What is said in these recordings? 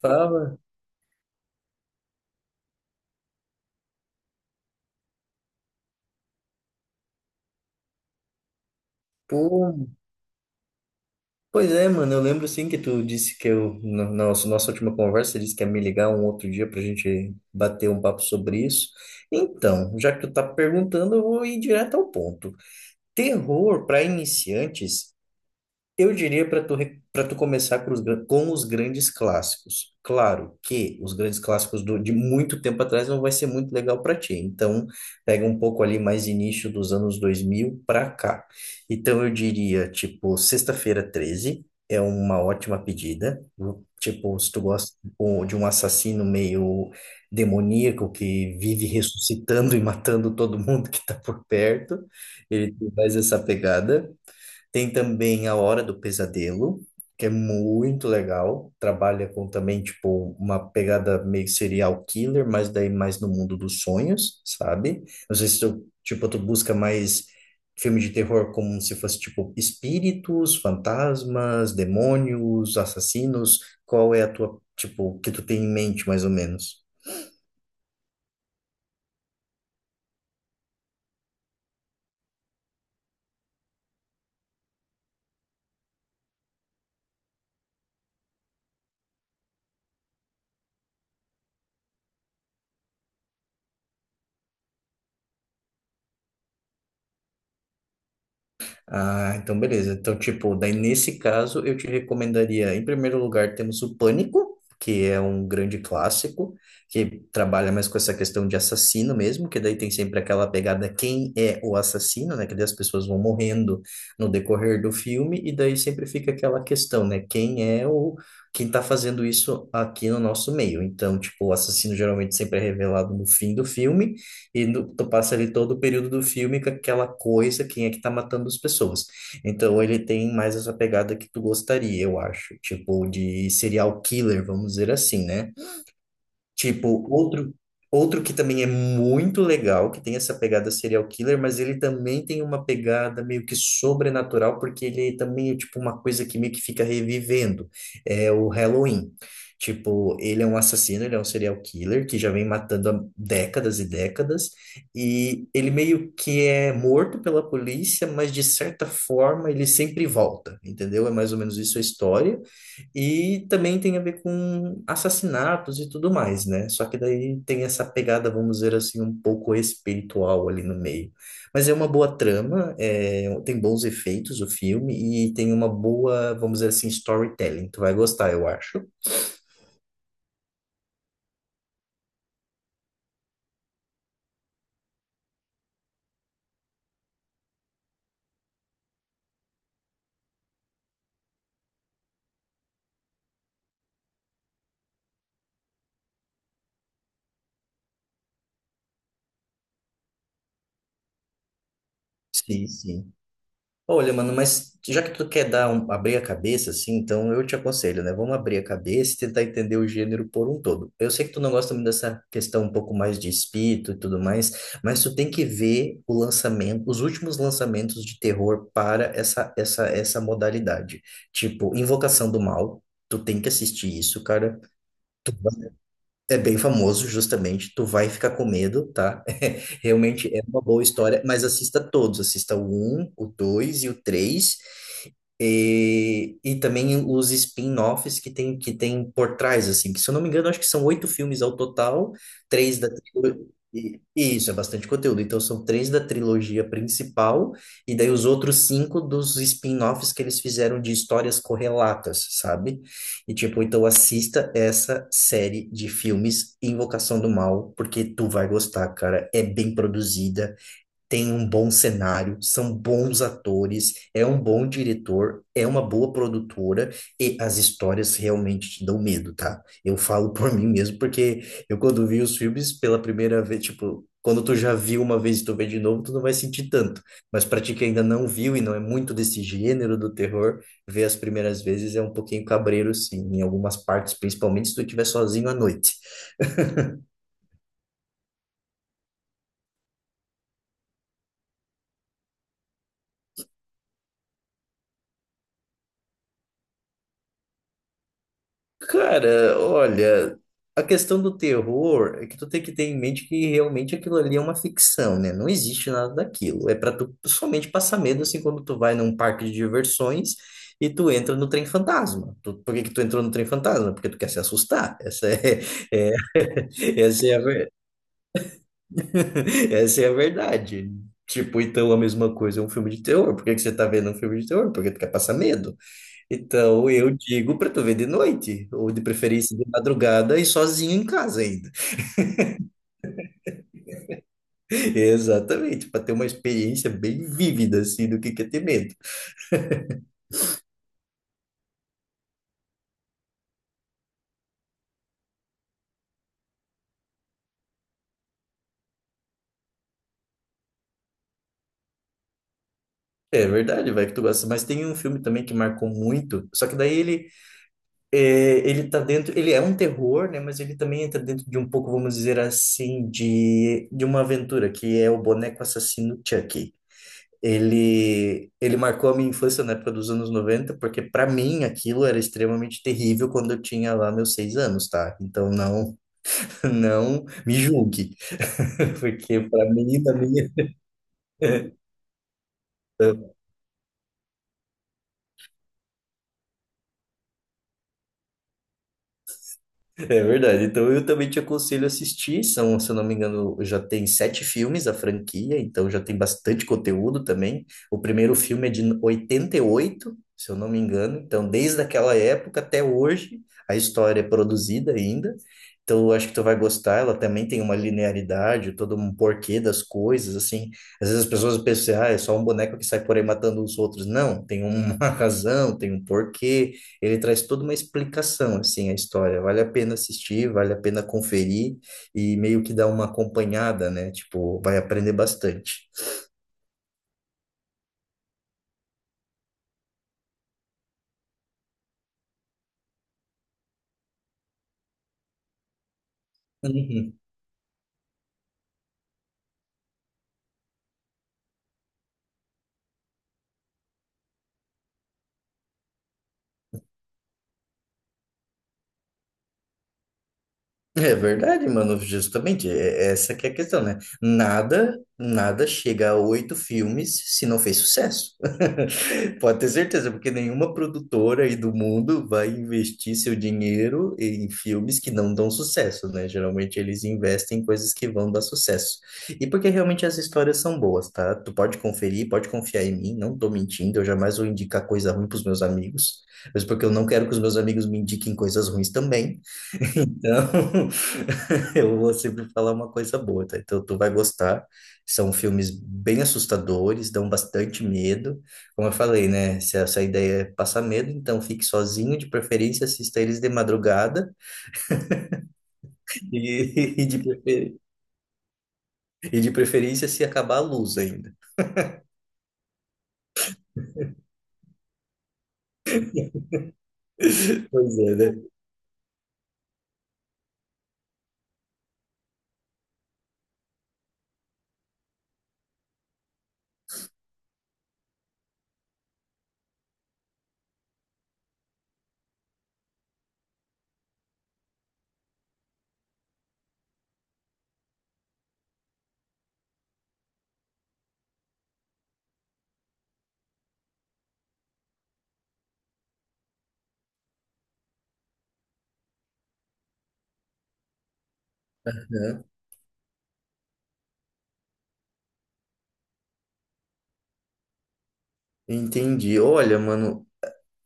Tava. Pô, pois é, mano. Eu lembro sim que tu disse que eu, nossa última conversa, disse que ia me ligar um outro dia pra gente bater um papo sobre isso. Então, já que tu tá perguntando, eu vou ir direto ao ponto. Terror para iniciantes. Eu diria pra tu começar com com os grandes clássicos. Claro que os grandes clássicos de muito tempo atrás não vai ser muito legal para ti. Então, pega um pouco ali mais início dos anos 2000 para cá. Então, eu diria, tipo, Sexta-feira Treze é uma ótima pedida. Tipo, se tu gosta tipo, de um assassino meio demoníaco que vive ressuscitando e matando todo mundo que tá por perto, ele tem mais essa pegada. Tem também A Hora do Pesadelo, que é muito legal. Trabalha com também, tipo, uma pegada meio serial killer, mas daí mais no mundo dos sonhos, sabe? Não sei se tu, tipo, tu busca mais filme de terror como se fosse, tipo, espíritos, fantasmas, demônios, assassinos. Qual é a tua, tipo, que tu tem em mente, mais ou menos? Ah, então beleza. Então, tipo, daí nesse caso eu te recomendaria, em primeiro lugar, temos o Pânico, que é um grande clássico, que trabalha mais com essa questão de assassino mesmo, que daí tem sempre aquela pegada quem é o assassino, né? Que daí as pessoas vão morrendo no decorrer do filme, e daí sempre fica aquela questão, né? Quem é o Quem tá fazendo isso aqui no nosso meio? Então, tipo, o assassino geralmente sempre é revelado no fim do filme e tu passa ali todo o período do filme com aquela coisa, quem é que tá matando as pessoas. Então ele tem mais essa pegada que tu gostaria, eu acho, tipo de serial killer, vamos dizer assim, né? Tipo, outro que também é muito legal, que tem essa pegada serial killer, mas ele também tem uma pegada meio que sobrenatural, porque ele também é tipo uma coisa que meio que fica revivendo. É o Halloween. Tipo, ele é um assassino, ele é um serial killer que já vem matando há décadas e décadas, e ele meio que é morto pela polícia, mas de certa forma ele sempre volta, entendeu? É mais ou menos isso a história. E também tem a ver com assassinatos e tudo mais, né? Só que daí tem essa pegada, vamos dizer assim, um pouco espiritual ali no meio. Mas é uma boa trama, é, tem bons efeitos o filme e tem uma boa, vamos dizer assim, storytelling. Tu vai gostar, eu acho. Sim, sim. Olha, mano, mas já que tu quer dar um, abrir a cabeça, assim, então eu te aconselho, né? Vamos abrir a cabeça e tentar entender o gênero por um todo. Eu sei que tu não gosta muito dessa questão um pouco mais de espírito e tudo mais, mas tu tem que ver o lançamento, os últimos lançamentos de terror para essa modalidade. Tipo, Invocação do Mal, tu tem que assistir isso, cara. É bem famoso, justamente. Tu vai ficar com medo, tá? Realmente é uma boa história, mas assista todos. Assista o um, o 2 e o três. E também os spin-offs que tem por trás, assim. Que, se eu não me engano, acho que são oito filmes ao total. Três da... trilo- e isso, é bastante conteúdo. Então, são três da trilogia principal. E daí os outros cinco dos spin-offs que eles fizeram de histórias correlatas, sabe? E tipo, então assista essa série de filmes Invocação do Mal, porque tu vai gostar, cara. É bem produzida, tem um bom cenário, são bons atores, é um bom diretor, é uma boa produtora e as histórias realmente te dão medo, tá? Eu falo por mim mesmo, porque eu quando vi os filmes pela primeira vez, tipo, quando tu já viu uma vez e tu vê de novo, tu não vai sentir tanto. Mas pra ti que ainda não viu e não é muito desse gênero do terror, ver as primeiras vezes é um pouquinho cabreiro, sim, em algumas partes, principalmente se tu estiver sozinho à noite. Cara, olha, a questão do terror é que tu tem que ter em mente que realmente aquilo ali é uma ficção, né? Não existe nada daquilo. É pra tu somente passar medo assim quando tu vai num parque de diversões e tu entra no trem fantasma. Por que que tu entrou no trem fantasma? Porque tu quer se assustar. É- essa é a, ver- essa é a verdade. Tipo, então a mesma coisa é um filme de terror. Por que que você tá vendo um filme de terror? Porque tu quer passar medo. Então eu digo para tu ver de noite, ou de preferência de madrugada e sozinho em casa ainda. Exatamente, para ter uma experiência bem vívida assim do que é ter medo. É verdade, vai que tu gosta. Mas tem um filme também que marcou muito, só que daí ele tá dentro, ele é um terror, né? Mas ele também entra dentro de um pouco, vamos dizer assim, de uma aventura que é o Boneco Assassino Chuck. Ele marcou a minha infância na época dos anos 90 porque para mim aquilo era extremamente terrível quando eu tinha lá meus 6 anos, tá? Então não, não me julgue, porque para mim, na minha, É verdade. Então eu também te aconselho a assistir. São, se eu não me engano, já tem sete filmes a franquia, então já tem bastante conteúdo também. O primeiro filme é de 88, se eu não me engano. Então, desde aquela época até hoje, a história é produzida ainda. Então, eu acho que tu vai gostar. Ela também tem uma linearidade, todo um porquê das coisas, assim. Às vezes as pessoas pensam, ah, é só um boneco que sai por aí matando os outros. Não, tem uma razão, tem um porquê, ele traz toda uma explicação assim a história. Vale a pena assistir, vale a pena conferir e meio que dar uma acompanhada, né? Tipo, vai aprender bastante. Uhum. É verdade, mano, justamente, é essa que é a questão, né? Nada, nada chega a oito filmes se não fez sucesso. Pode ter certeza, porque nenhuma produtora aí do mundo vai investir seu dinheiro em filmes que não dão sucesso, né? Geralmente eles investem em coisas que vão dar sucesso. E porque realmente as histórias são boas, tá? Tu pode conferir, pode confiar em mim, não tô mentindo, eu jamais vou indicar coisa ruim pros meus amigos, mas porque eu não quero que os meus amigos me indiquem coisas ruins também. Então, eu vou sempre falar uma coisa boa, tá? Então tu vai gostar. São filmes bem assustadores, dão bastante medo. Como eu falei, né? Se essa ideia é passar medo, então fique sozinho, de preferência assista eles de madrugada e, e de, prefer- e de preferência se acabar a luz ainda. Pois é, né? Aham. Entendi. Olha, mano,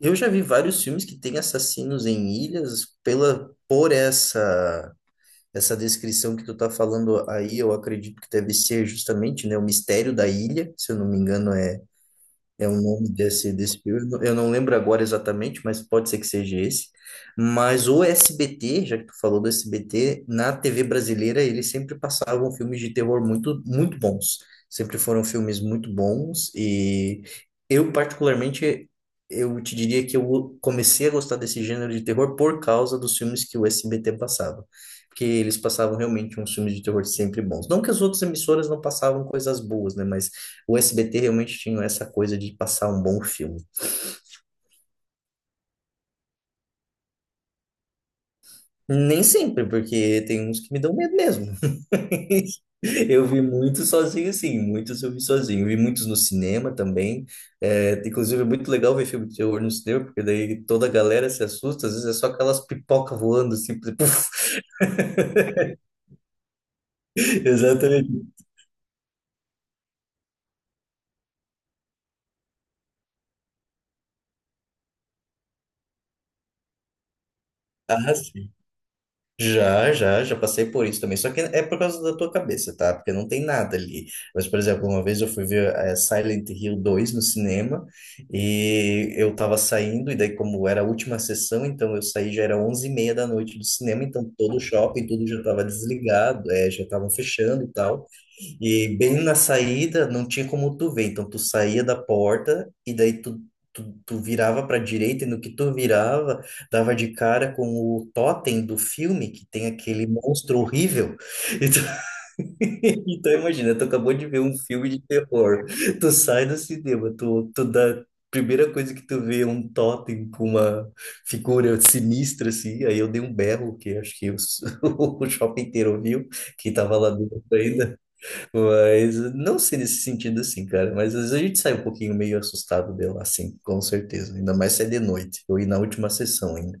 eu já vi vários filmes que tem assassinos em ilhas pela, por essa. Essa descrição que tu tá falando aí, eu acredito que deve ser justamente, né, o mistério da ilha, se eu não me engano, é o nome desse filme. Eu não lembro agora exatamente, mas pode ser que seja esse. Mas o SBT, já que tu falou do SBT, na TV brasileira eles sempre passavam filmes de terror muito, muito bons. Sempre foram filmes muito bons. E eu, particularmente, eu te diria que eu comecei a gostar desse gênero de terror por causa dos filmes que o SBT passava. Porque eles passavam realmente uns filmes de terror sempre bons. Não que as outras emissoras não passavam coisas boas, né? Mas o SBT realmente tinha essa coisa de passar um bom filme. Nem sempre, porque tem uns que me dão medo mesmo. Eu vi muitos sozinho, sim, muitos eu vi sozinho. Vi muitos no cinema também. É, inclusive, é muito legal ver filme de terror no cinema, porque daí toda a galera se assusta, às vezes é só aquelas pipoca voando, assim, puf, exatamente. Ah, sim. Já passei por isso também. Só que é por causa da tua cabeça, tá? Porque não tem nada ali. Mas, por exemplo, uma vez eu fui ver Silent Hill 2 no cinema e eu tava saindo, e daí, como era a última sessão, então eu saí já era 23:30 da noite do cinema, então todo o shopping, tudo já tava desligado, já estavam fechando e tal. E bem na saída, não tinha como tu ver. Então, tu saía da porta e daí tu virava para direita e no que tu virava, dava de cara com o totem do filme, que tem aquele monstro horrível. Então, então imagina, tu acabou de ver um filme de terror. Tu sai do cinema, tu dá... Primeira coisa que tu vê é um totem com uma figura sinistra, assim. Aí eu dei um berro, que acho que o shopping inteiro viu, que tava lá dentro ainda. Mas não sei nesse sentido assim, cara. Mas às vezes a gente sai um pouquinho meio assustado dela, assim, com certeza. Ainda mais se é de noite. Eu ia na última sessão ainda.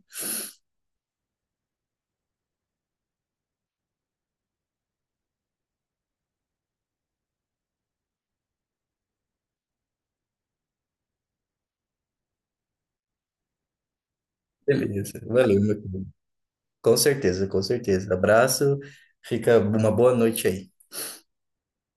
Beleza, valeu, meu querido. Com certeza, com certeza. Abraço, fica uma boa noite aí.